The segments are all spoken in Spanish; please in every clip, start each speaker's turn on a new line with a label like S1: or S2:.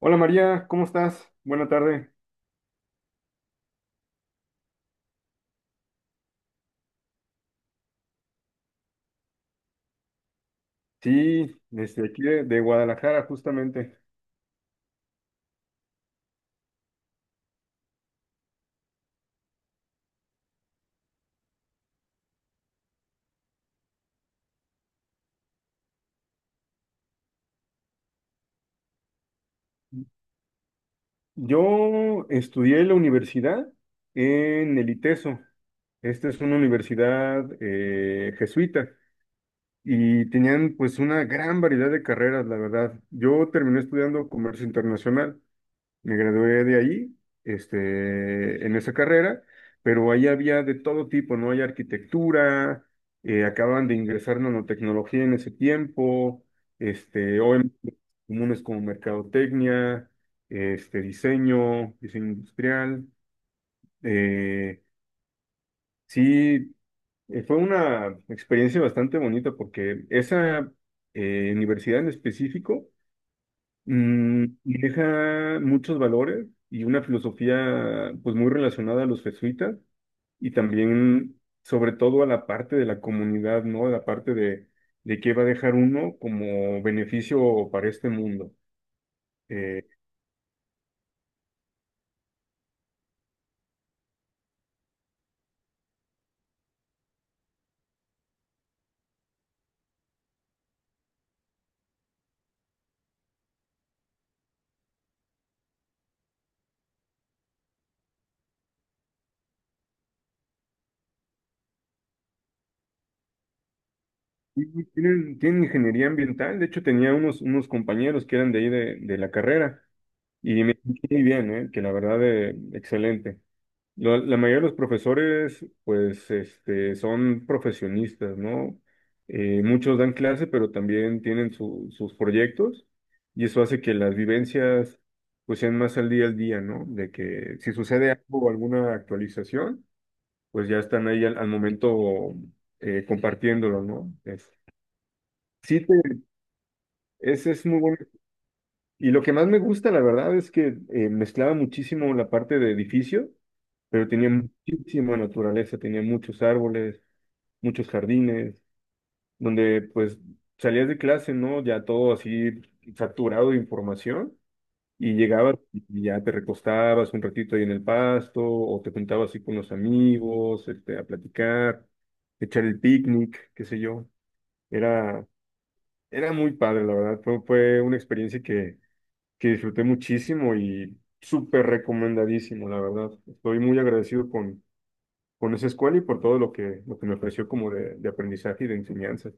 S1: Hola María, ¿cómo estás? Buena tarde. Sí, desde aquí de Guadalajara justamente. Yo estudié la universidad en el ITESO. Esta es una universidad jesuita y tenían pues una gran variedad de carreras, la verdad. Yo terminé estudiando comercio internacional. Me gradué de allí, en esa carrera, pero ahí había de todo tipo, ¿no? Hay arquitectura, acaban de ingresar nanotecnología en ese tiempo, OM comunes como mercadotecnia, este, diseño, diseño industrial. eh, sí, fue una experiencia bastante bonita porque esa universidad en específico y deja muchos valores y una filosofía pues muy relacionada a los jesuitas y también sobre todo a la parte de la comunidad, ¿no? A la parte de qué va a dejar uno como beneficio para este mundo. Eh, y tienen, tienen ingeniería ambiental, de hecho tenía unos, unos compañeros que eran de ahí de la carrera y me muy bien, ¿eh? Que la verdad excelente. La mayoría de los profesores, pues, este, son profesionistas, ¿no? Muchos dan clase, pero también tienen sus proyectos y eso hace que las vivencias, pues, sean más al día, ¿no? De que si sucede algo o alguna actualización, pues ya están ahí al momento compartiéndolo, ¿no? Sí, te- Ese es muy bueno y lo que más me gusta, la verdad, es que mezclaba muchísimo la parte de edificio, pero tenía muchísima naturaleza, tenía muchos árboles, muchos jardines, donde pues salías de clase, ¿no? Ya todo así saturado de información y llegabas y ya te recostabas un ratito ahí en el pasto o te juntabas así con los amigos, este, a platicar, echar el picnic, qué sé yo. Era, era muy padre, la verdad. Fue una experiencia que disfruté muchísimo y súper recomendadísimo, la verdad. Estoy muy agradecido con esa escuela y por todo lo que me ofreció como de aprendizaje y de enseñanza.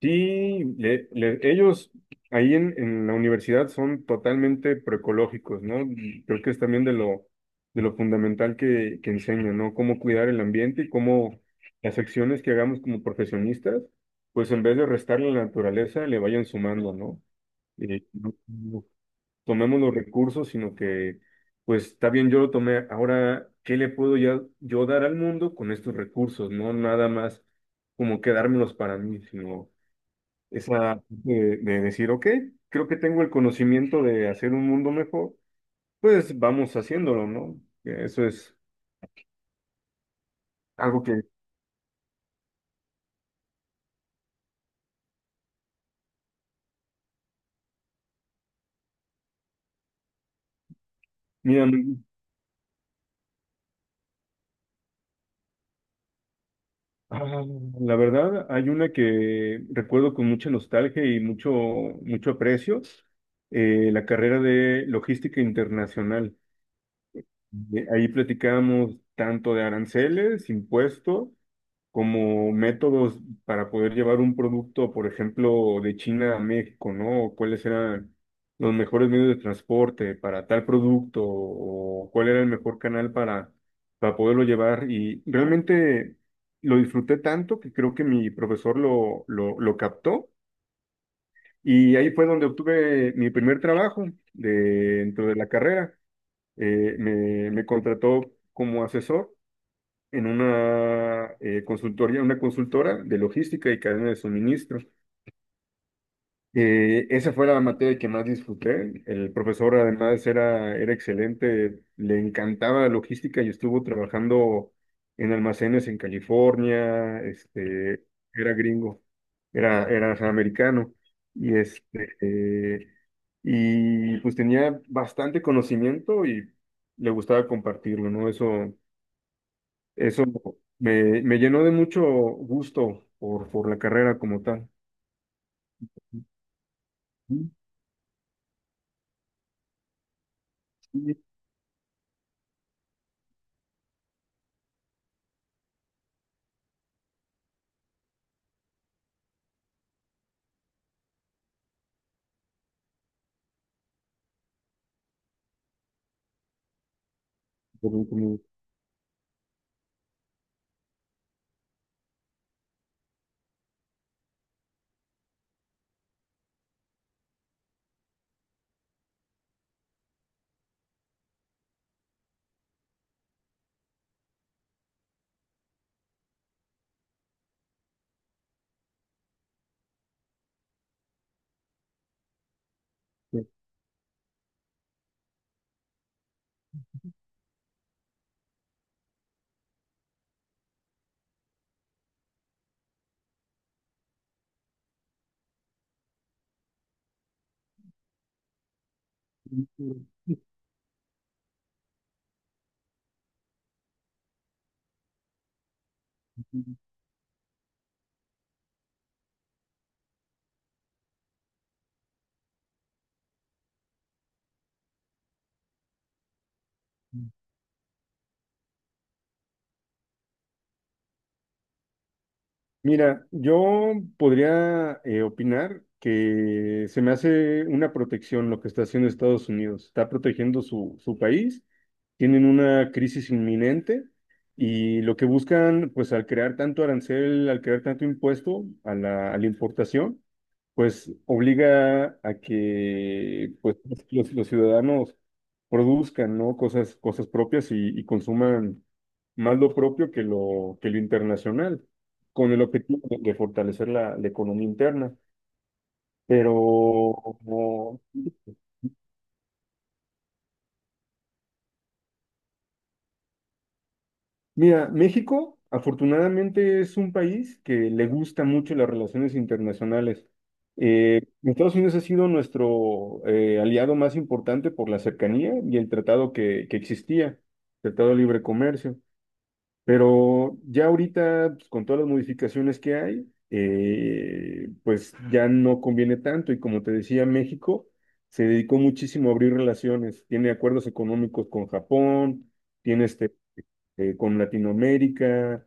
S1: Sí, ellos ahí en la universidad son totalmente proecológicos, ¿no? Y creo que es también de lo fundamental que enseñan, ¿no? Cómo cuidar el ambiente y cómo las acciones que hagamos como profesionistas, pues en vez de restarle a la naturaleza, le vayan sumando, ¿no? Eh, tomemos los recursos, sino que, pues está bien, yo lo tomé, ahora, ¿qué le puedo ya, yo dar al mundo con estos recursos? No nada más como quedármelos para mí, sino esa de decir, ok, creo que tengo el conocimiento de hacer un mundo mejor, pues vamos haciéndolo, ¿no? Que eso es algo que, mira, ah, la verdad, hay una que recuerdo con mucha nostalgia y mucho, mucho aprecio, la carrera de logística internacional. Ahí platicábamos tanto de aranceles, impuestos, como métodos para poder llevar un producto, por ejemplo, de China a México, ¿no? ¿O cuáles eran los mejores medios de transporte para tal producto? ¿O cuál era el mejor canal para poderlo llevar? Y realmente lo disfruté tanto que creo que mi profesor lo captó y ahí fue donde obtuve mi primer trabajo de- dentro de la carrera me contrató como asesor en una consultoría, una consultora de logística y cadena de suministro. Esa fue la materia que más disfruté. El profesor además era excelente, le encantaba la logística y estuvo trabajando en almacenes en California, este, era gringo, era americano y y pues tenía bastante conocimiento y le gustaba compartirlo, ¿no? Eso me llenó de mucho gusto por la carrera como tal. Sí, sí, por- por- pinturas. Mira, yo podría opinar que se me hace una protección lo que está haciendo Estados Unidos. Está protegiendo su país, tienen una crisis inminente y lo que buscan, pues al crear tanto arancel, al crear tanto impuesto a a la importación, pues obliga a que pues, los ciudadanos produzcan, ¿no? Cosas propias y consuman más lo propio que lo internacional con el objetivo de fortalecer la economía interna. Pero, como- mira, México afortunadamente es un país que le gusta mucho las relaciones internacionales. Estados Unidos ha sido nuestro aliado más importante por la cercanía y el tratado que existía, Tratado de Libre Comercio. Pero ya ahorita, pues, con todas las modificaciones que hay, pues ya no conviene tanto. Y como te decía, México se dedicó muchísimo a abrir relaciones. Tiene acuerdos económicos con Japón, tiene con Latinoamérica.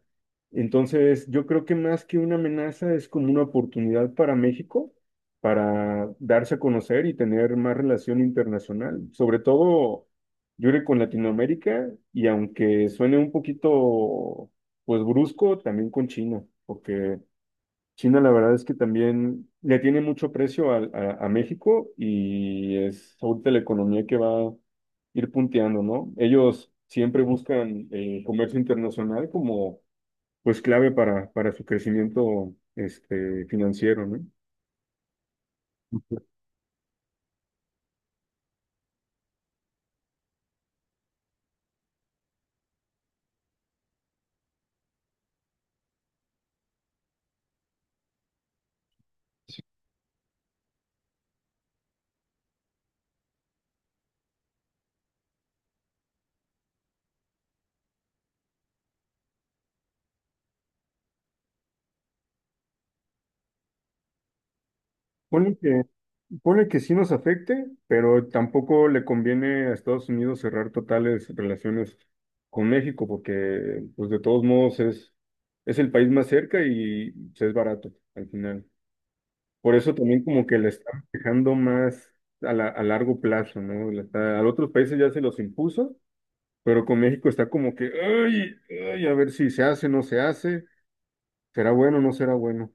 S1: Entonces, yo creo que más que una amenaza es como una oportunidad para México para darse a conocer y tener más relación internacional, sobre todo, yo creo que con Latinoamérica y aunque suene un poquito, pues brusco, también con China, porque China, la verdad es que también le tiene mucho precio a México y es ahorita la economía que va a ir punteando, ¿no? Ellos siempre buscan el comercio internacional como pues clave para su crecimiento este, financiero, ¿no? Ponle que, ponle que sí nos afecte, pero tampoco le conviene a Estados Unidos cerrar totales relaciones con México, porque pues de todos modos es el país más cerca y pues, es barato al final. Por eso también como que le están dejando más a largo plazo, ¿no? A otros países ya se los impuso, pero con México está como que, ay, ay, a ver si se hace, no se hace, será bueno.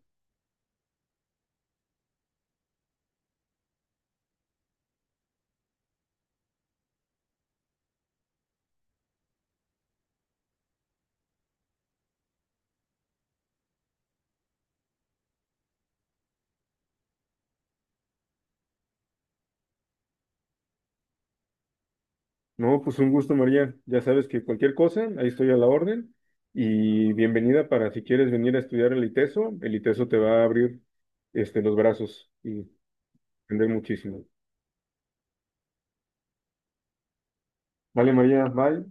S1: No, pues un gusto, María. Ya sabes que cualquier cosa, ahí estoy a la orden. Y bienvenida para si quieres venir a estudiar el ITESO. El ITESO te va a abrir este, los brazos y aprender muchísimo. Vale, María, bye.